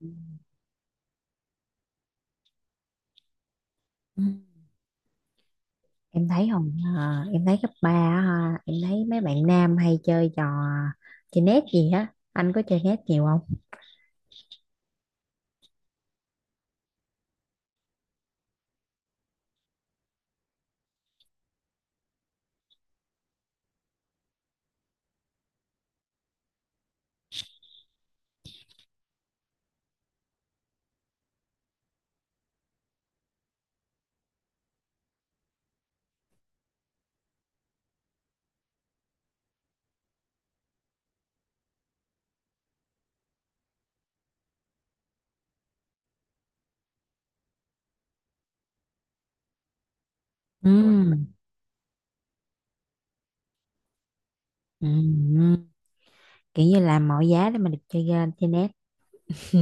Ừ. Em thấy không, à em thấy cấp 3 á, ha em thấy mấy bạn nam hay chơi trò chơi nét gì á, anh có chơi nét nhiều không? Ừ. Ừ. Ừ. Kiểu như làm mọi giá để mà được chơi game, chơi nét. Ừ.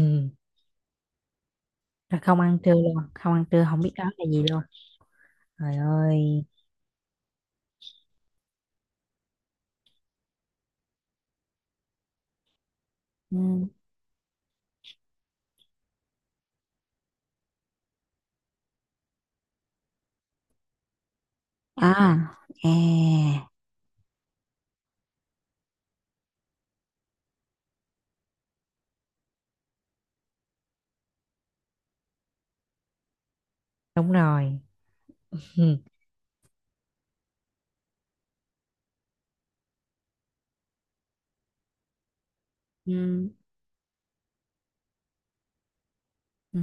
Rồi không ăn trưa luôn, không ăn trưa không biết đó là gì luôn. Trời ơi. Ừ. à à Đúng rồi. Ừ. Ừ. Ừ.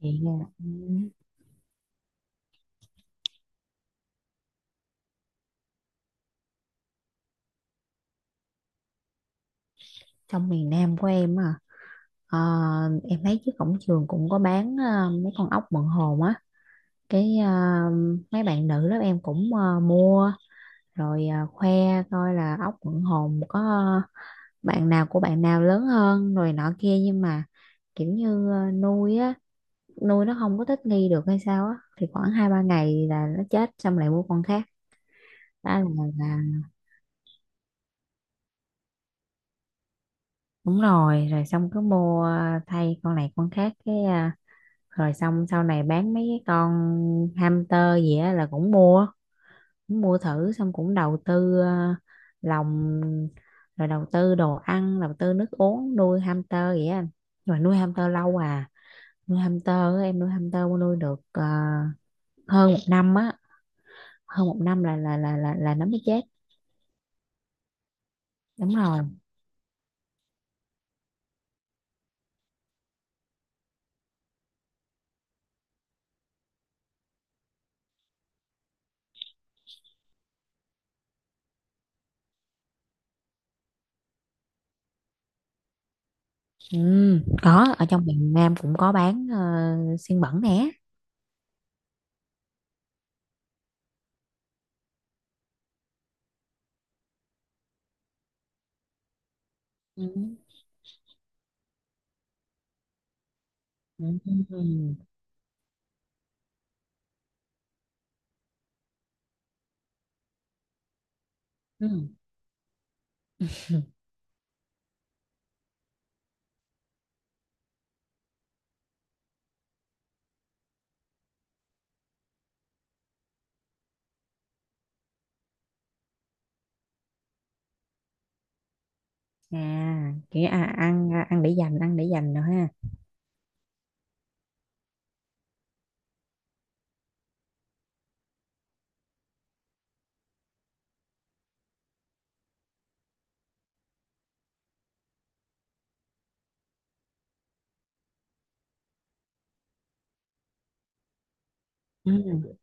Vậy là ừ. Trong miền Nam của em à? Ờ, em thấy trước cổng trường cũng có bán mấy con ốc mận hồn á. cái ờ, Mấy bạn nữ lớp em cũng mua rồi khoe coi là ốc mận hồn có, bạn nào của bạn nào lớn hơn rồi nọ kia, nhưng mà kiểu như nuôi á, nuôi nó không có thích nghi được hay sao á, thì khoảng hai ba ngày là nó chết xong lại mua con khác. Đó là đúng rồi. Rồi xong cứ mua thay con này con khác, rồi xong sau này bán mấy cái con hamster gì á là cũng mua, cũng mua thử, xong cũng đầu tư lòng, rồi đầu tư đồ ăn, đầu tư nước uống, nuôi hamster vậy á anh. Nhưng mà nuôi hamster lâu à, nuôi hamster á, em nuôi hamster mà nuôi được hơn một năm á, hơn một năm là nó mới chết. Đúng rồi. Ừ, có, ở trong miền Nam cũng có bán xiên bẩn nè. Ừ. Ừ. Ừ. Ừ. Ừ. À, kiểu à, ăn, à ăn để dành, ăn để dành nữa ha. Ừ.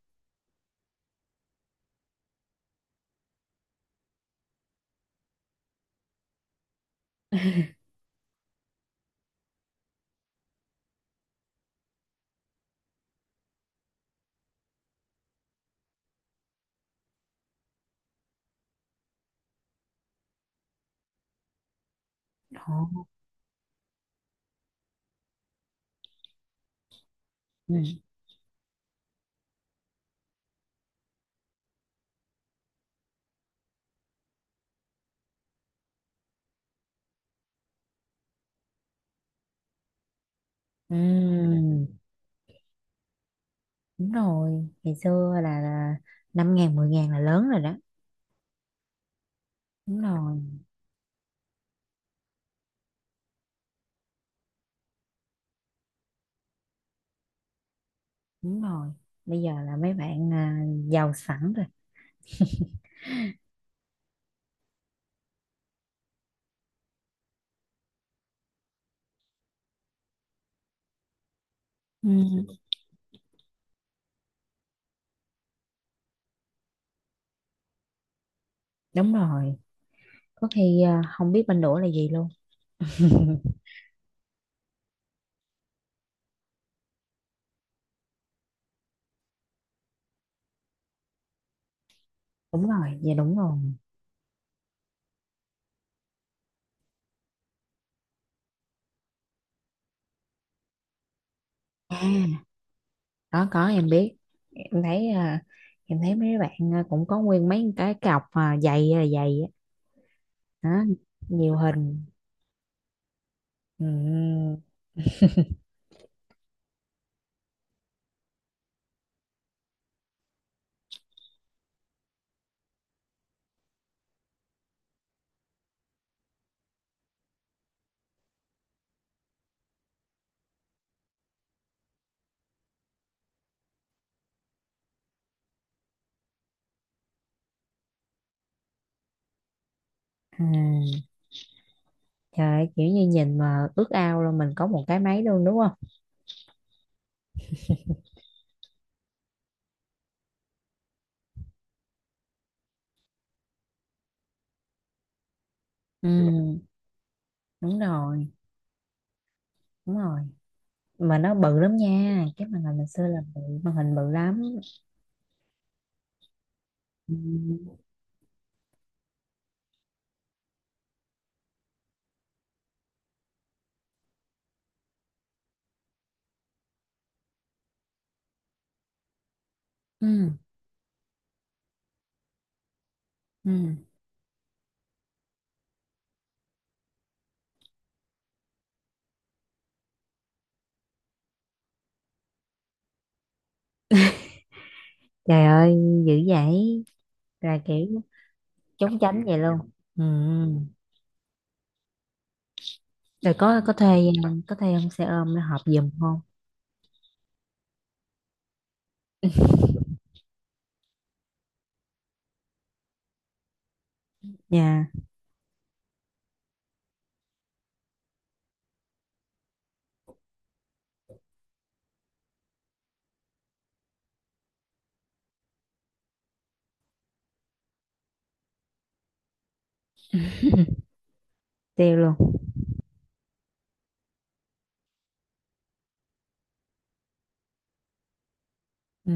Ồ. Ừ. Ừ. Đúng rồi, ngày xưa là 5 ngàn 10 ngàn là lớn rồi đó. Đúng rồi. Đúng rồi. Bây giờ là mấy bạn à, giàu sẵn rồi. Ừ. Đúng rồi, có khi à, không biết bên đũa là gì luôn. Đúng rồi, dạ đúng rồi. À, có em biết, em thấy à, em thấy mấy bạn à, cũng có nguyên mấy cái cọc à, dày là dày á. Đó, nhiều hình. Ừ. Ừ, trời ơi, kiểu như nhìn mà ước ao luôn mình có một cái máy luôn đúng không? Ừ, đúng rồi, đúng rồi. Mà nó bự lắm nha, cái màn hình mình xưa là bự, màn hình bự lắm. Ừ, ừ, ừ. Trời ơi, dữ vậy, là kiểu trốn tránh vậy luôn. Ừ. Ừ. Rồi có thuê, có thuê ông xe ôm nó họp giùm không? Nha. Tiêu luôn. Ừ,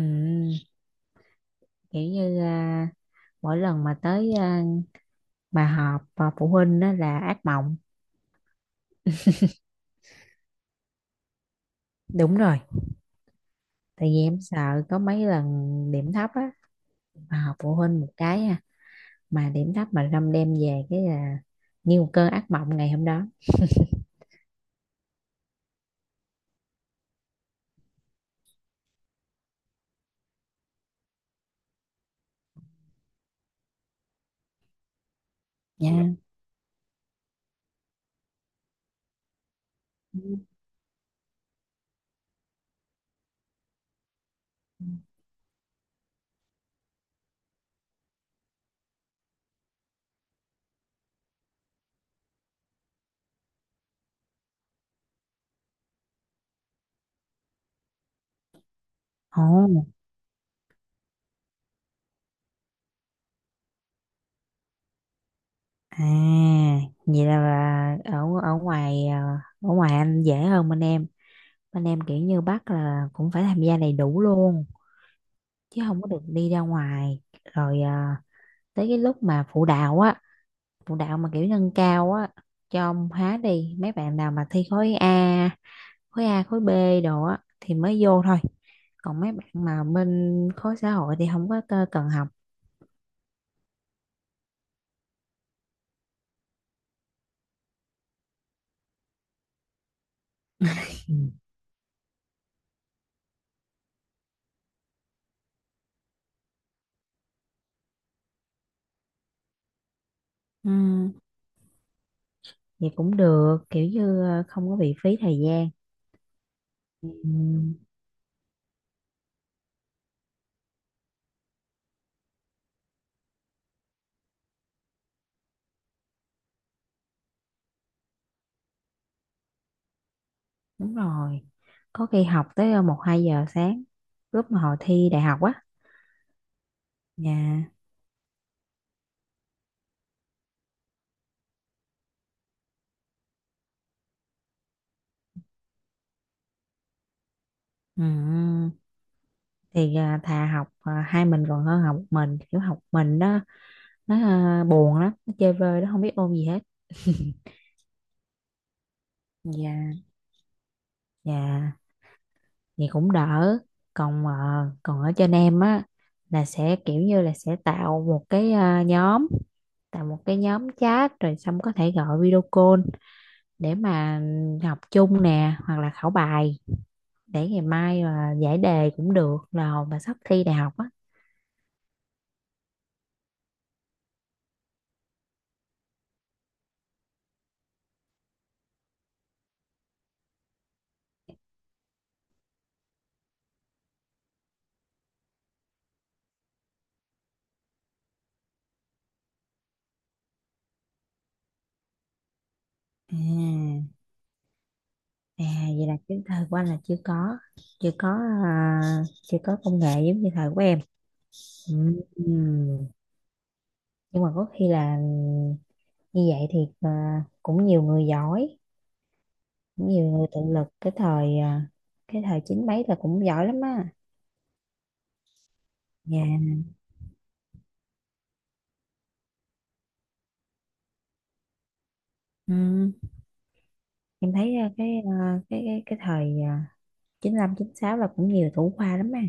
kiểu như à, mỗi lần mà tới à, mà họp à, phụ huynh đó là ác mộng. Đúng rồi. Tại vì em sợ, có mấy lần điểm thấp á, mà học phụ huynh một cái à, mà điểm thấp mà râm đem về cái là như một cơn ác mộng ngày hôm đó. Dạ. Nha. Ồ. À, vậy là ở ở ngoài à, ở ngoài anh dễ hơn bên em, bên em kiểu như bắt là cũng phải tham gia đầy đủ luôn, chứ không có được đi ra ngoài. Rồi à, tới cái lúc mà phụ đạo á, phụ đạo mà kiểu nâng cao á cho ông hóa đi, mấy bạn nào mà thi khối A, khối A khối B đồ á thì mới vô thôi, còn mấy bạn mà bên khối xã hội thì không có tơ- cần học. Ừ. Ừ, vậy cũng được, kiểu như không có bị phí thời gian. Ừ, đúng rồi, có khi học tới một hai giờ sáng lúc mà hồi thi đại học á. Dạ. Ừ, thì thà học hai mình còn hơn học một mình, kiểu học mình đó nó buồn lắm, nó chơi vơi, nó không biết ôn gì hết. Dạ. Dạ. Thì cũng đỡ. còn ờ, Còn ở trên em á là sẽ kiểu như là sẽ tạo một cái nhóm, tạo một cái nhóm chat rồi xong có thể gọi video call để mà học chung nè, hoặc là khảo bài để ngày mai mà giải đề cũng được, là hồi mà sắp thi đại học á. À. À, vậy là cái thời của anh là chưa có, chưa có à, chưa có công nghệ giống như thời của em. Ừ. Ừ. Nhưng mà có khi là như vậy thì à, cũng nhiều người giỏi, nhiều người tự lực cái thời à, cái thời chín mấy là cũng giỏi lắm á. Dạ. Ừ. Em thấy à, cái à, cái thời à, 95, 96 là cũng nhiều thủ khoa lắm á.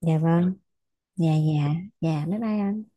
Dạ vâng. Dạ dạ. Dạ bye bye anh.